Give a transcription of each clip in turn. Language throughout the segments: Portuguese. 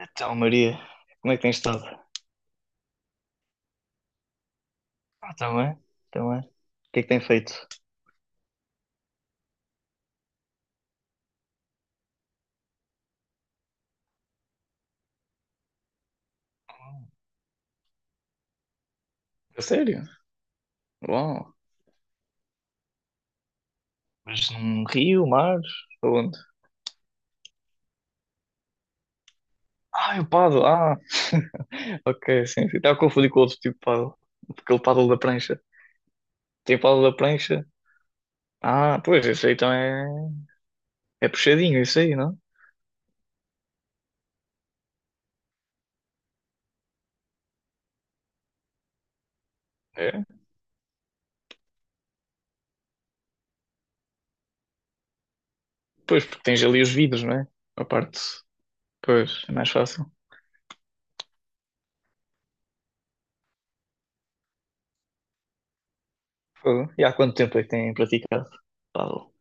Então, Maria, como é que tens estado? Ah, também, também. O que é que tem feito? A sério? Uau. Mas num rio, mar? Aonde? Ah, é o paddle. Ah, ok, sim, sim. Estava a confundir com outro tipo de paddle. Aquele paddle da prancha. Tem paddle da prancha? Ah, pois, isso aí então é... É puxadinho, isso aí, não? É? Pois, porque tens ali os vidros, não é? A parte... Pois, é mais fácil. Fogo. E há quanto tempo é que têm praticado paddle?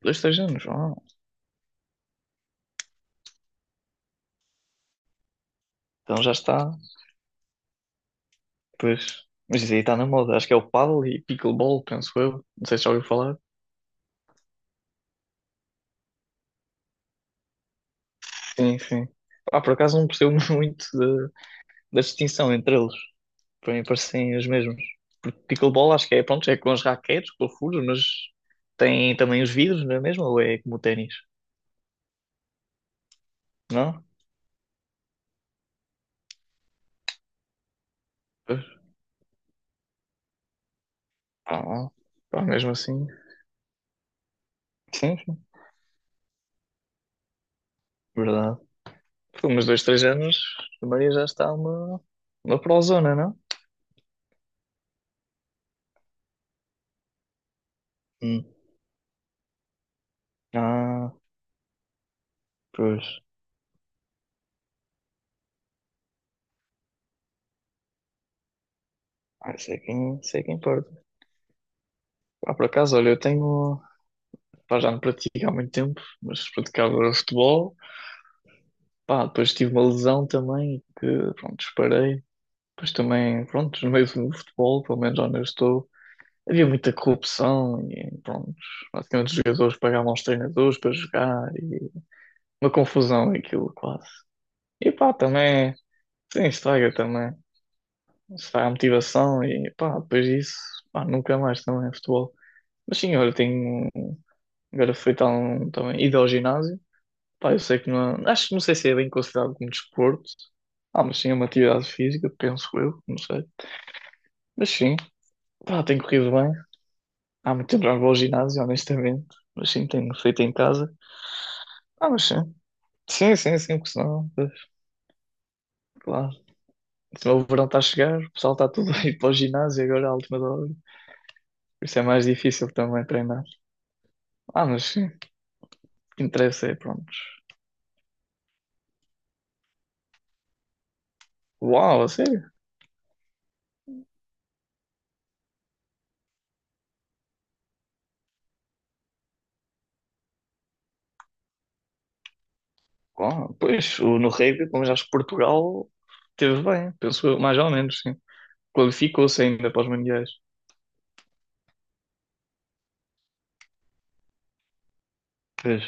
Dois, três anos? Ah, então já está... Pois. Mas isso aí está na moda. Acho que é o paddle e pickleball, penso eu. Não sei se já ouviu falar. Sim, sim. Ah, por acaso não percebo muito da, distinção entre eles. Para mim parecem os mesmos. Porque pickleball acho que é, pronto, é com as raquetes, com os furos, mas tem também os vidros, não é mesmo? Ou é como o ténis? Não? Pois. Ah, pá, mesmo assim. Sim, sim. Verdade. Por uns dois, três anos, a Maria já está uma prozona, não? Hum. Ah, pois. Ah, sei quem importa. Pá, por acaso, olha, eu tenho. Pá, já não pratico há muito tempo, mas praticava futebol. Pá, depois tive uma lesão também, que pronto, disparei. Depois também, pronto, no meio do futebol, pelo menos onde eu estou, havia muita corrupção e pronto, basicamente os jogadores pagavam aos treinadores para jogar e uma confusão aquilo quase. E pá, também, sim, estraga também, estraga a motivação e pá, depois disso, pá, nunca mais também é futebol. Mas sim, olha, tenho agora feito há um, também ido ao ginásio. Pá, eu sei que não. Acho que não sei se é bem considerado como desporto. Ah, mas sim, é uma atividade física, penso eu, não sei. Mas sim, pá, tem corrido bem. Há muito tempo já não vou ao ginásio, honestamente. Mas sim, tenho feito em casa. Ah, mas sim. Sim, sim, sim, porque senão, pois, claro. Senão o verão está a chegar, o pessoal está tudo a ir para o ginásio agora à última da hora. Por isso é mais difícil também treinar. Ah, mas sim, o que interessa é, pronto. Uau, a sério? Uau, pois, no rugby, como já acho que Portugal teve bem, penso eu, mais ou menos, sim. Qualificou-se ainda para os Mundiais. Pois.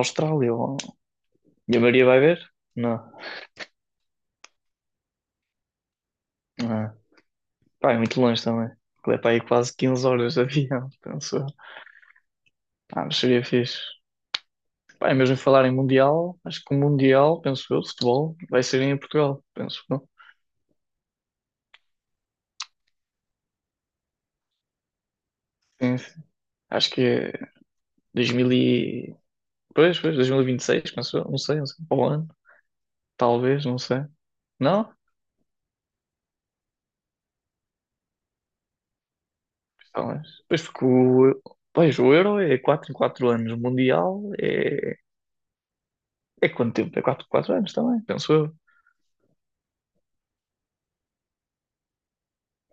Austrália, ó. E a Maria vai ver? Não. Não. É. Pá, é muito longe também. É para aí quase 15 horas de avião, penso eu. Ah, mas seria fixe. Pá, e mesmo falar em Mundial, acho que o Mundial, penso eu, de futebol, vai ser em Portugal, penso eu. Sim, sim. Acho que é 2000 e... Pois, pois, 2026, penso eu. Não sei, não sei. Ou ano, talvez, não sei. Não? Talvez. Pois porque o... Pois, o Euro é 4 em 4 anos. O Mundial é quanto tempo? É quatro, anos também, penso eu.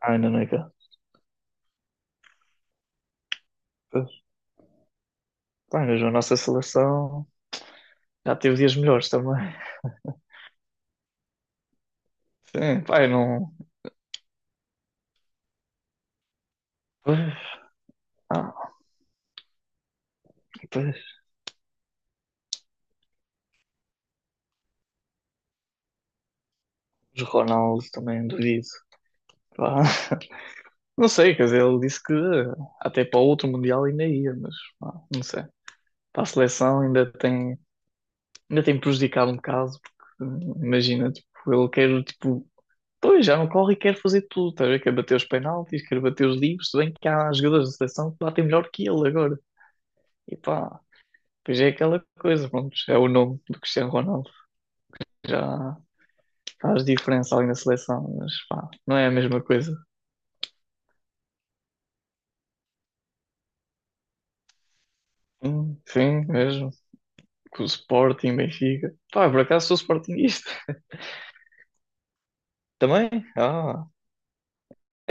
Ah, ainda não é cá. Pois. Pá, mas a nossa seleção já teve dias melhores também. Sim, pá, eu não. Pois. Ah, pois. Os Ronaldo também duvido. Pá, não sei, quer dizer, ele disse que até para o outro Mundial ainda ia, mas pá, não sei. Para a seleção ainda tem prejudicado um bocado, porque imagina, tipo, ele quer, tipo, pois já não corre e quer fazer tudo, tá a ver? Quer bater os penaltis, quer bater os livros, se bem que há jogadores da seleção que batem melhor que ele agora. E pá, pois é aquela coisa, pronto, é o nome do Cristiano Ronaldo. Já faz diferença ali na seleção, mas pá, não é a mesma coisa. Sim, mesmo. Com o Sporting, Benfica. Pá, por acaso sou Sportingista. Também? Ah,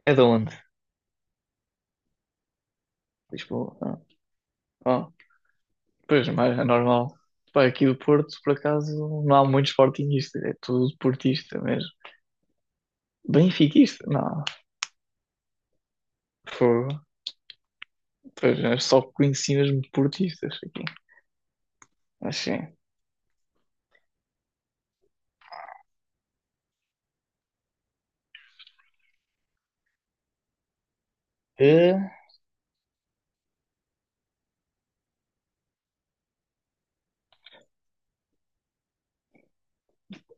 é de onde? Lisboa. Ah, ah, pois, mas é normal. Pá, aqui do Porto, por acaso, não há muito Sportingista, é tudo portista mesmo. Benfiquista? Não, foi. Pois, eu só conheci mesmo portistas aqui. Assim.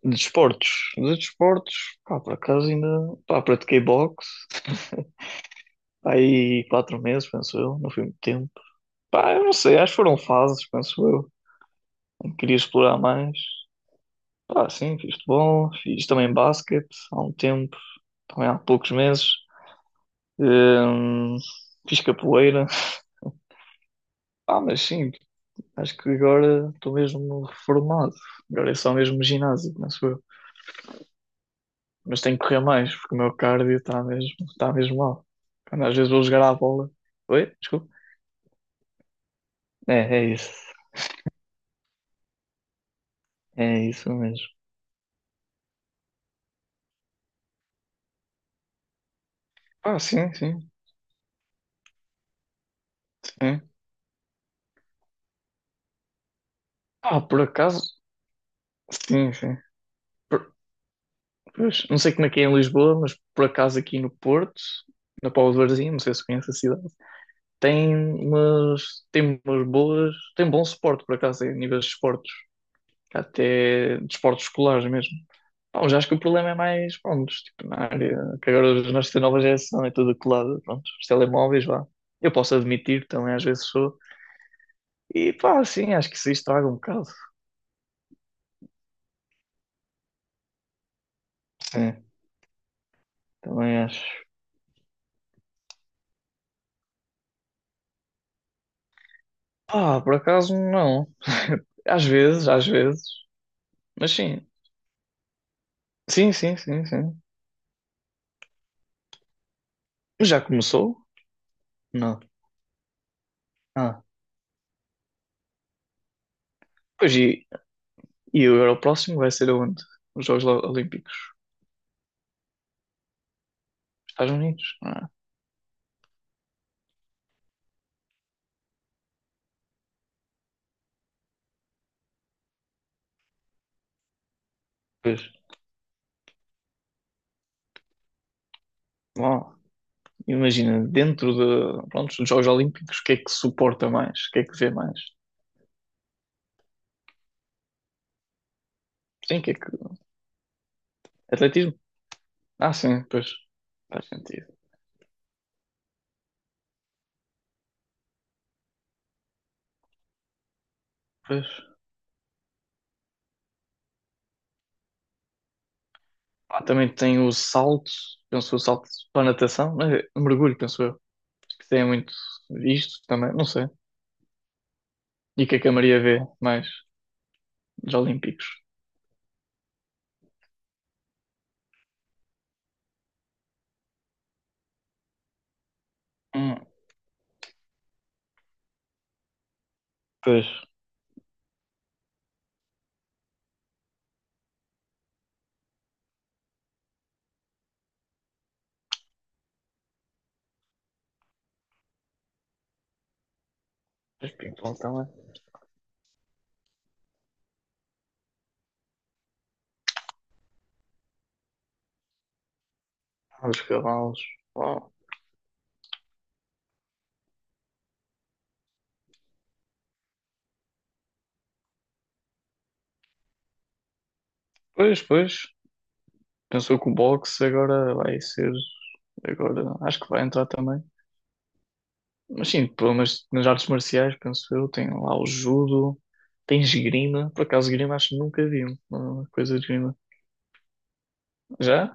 De desportos, de desportos, pá, por acaso ainda, pá, pratiquei boxe, pá, aí 4 meses, penso eu, não foi muito tempo. Pá, eu não sei, acho que foram fases, penso eu, em que queria explorar mais. Pá, sim, fiz futebol, fiz também basquete há um tempo, também há poucos meses. Hum, fiz capoeira, ah mas sim, acho que agora estou mesmo reformado, agora é só mesmo ginásio, penso eu. Mas tenho que correr mais, porque o meu cardio está mesmo mal. Quando às vezes vou jogar à bola. Oi? Desculpa. É isso. É isso mesmo. Ah, sim, sim. Sim. Ah, por acaso. Sim, sim. Por- pois, não sei como é que é em Lisboa, mas por acaso aqui no Porto, na Póvoa de Varzim, não sei se conhece a cidade, tem umas boas. Tem bom suporte, por acaso, em níveis de esportes. Até de esportes escolares mesmo. Pá, já acho que o problema é mais, pronto, tipo, na área, que agora nós temos nova geração é tudo colado, pronto, os telemóveis, vá. Eu posso admitir, também às vezes sou. E pá, sim, acho que isso estraga um bocado. Sim, também acho. Pá, por acaso não. Às vezes, às vezes. Mas sim. Sim, sim, sim, sim. Mas já começou? Não. Ah. Pois e agora o próximo vai ser aonde? Os Jogos Olímpicos. Estados Unidos? Ah, pois. Bom. Imagina, dentro de, pronto, dos Jogos Olímpicos, o que é que suporta mais? O que é que vê mais? Sim, o que é que. Atletismo? Ah, sim, pois. Faz sentido. Pois. Ah, também tem o salto, penso o salto para a natação, mas é mergulho, penso eu. Que tem muito isto também, não sei. E o que é que a Maria vê mais dos Olímpicos? Hum, pois. Pois ping-pong também. Ah, os cavalos. Oh. Pois, pois. Pensou que o boxe agora vai ser. Agora acho que vai entrar também. Mas sim, pelo menos nas artes marciais, penso eu, tem lá o judo, tem esgrima. Por acaso, esgrima acho que nunca vi uma coisa de esgrima. Já?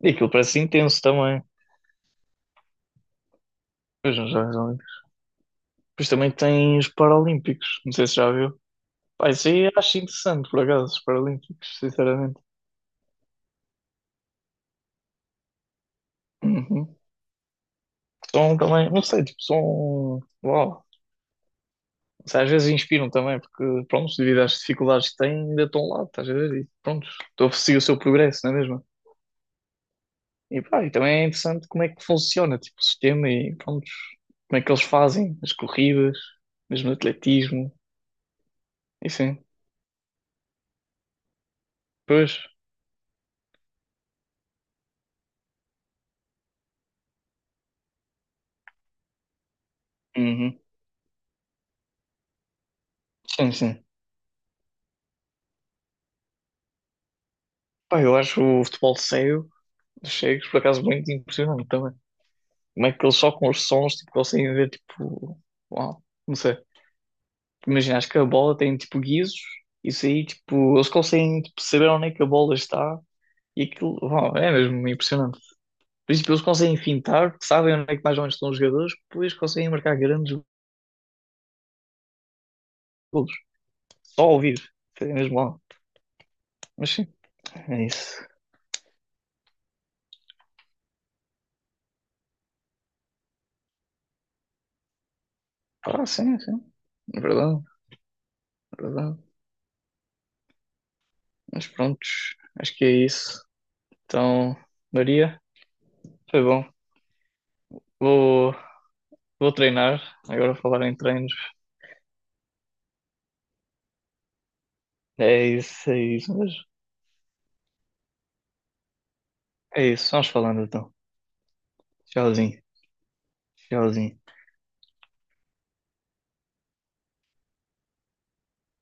E aquilo parece intenso também. Pois não, já, já. Depois também tem os Paralímpicos, não sei se já viu. Pá, isso aí acho interessante, por acaso, os Paralímpicos, sinceramente. Uhum. São também, não sei, tipo, são. Uau. Não sei, às vezes inspiram também, porque, pronto, devido às dificuldades que têm, ainda estão lá, estás a ver? E, pronto, estou a seguir o seu progresso, não é mesmo? E pá, e também é interessante como é que funciona, tipo, o sistema e pronto, como é que eles fazem as corridas, mesmo no atletismo, e sim, pois, uhum. Sim, sim. Pá, eu acho o futebol cego, dos cegos, por acaso, muito impressionante também. Como é que eles só com os sons, tipo, conseguem ver, tipo, uau, não sei. Imagina, acho que a bola tem, tipo, guizos, isso aí, tipo, eles conseguem, tipo, saber onde é que a bola está, e aquilo, uau, é mesmo impressionante. Por isso, tipo, eles conseguem fintar, sabem onde é que mais ou menos estão os jogadores, depois conseguem marcar grandes todos, só ouvir vivo, foi mesmo lá. Mas sim, é isso. Ah, sim, sim, é verdade, é verdade. Mas prontos, acho que é isso. Então, Maria, foi bom. Vou, vou treinar, agora falar em treinos. É isso, mas é isso, vamos falando então. Tchauzinho, tchauzinho.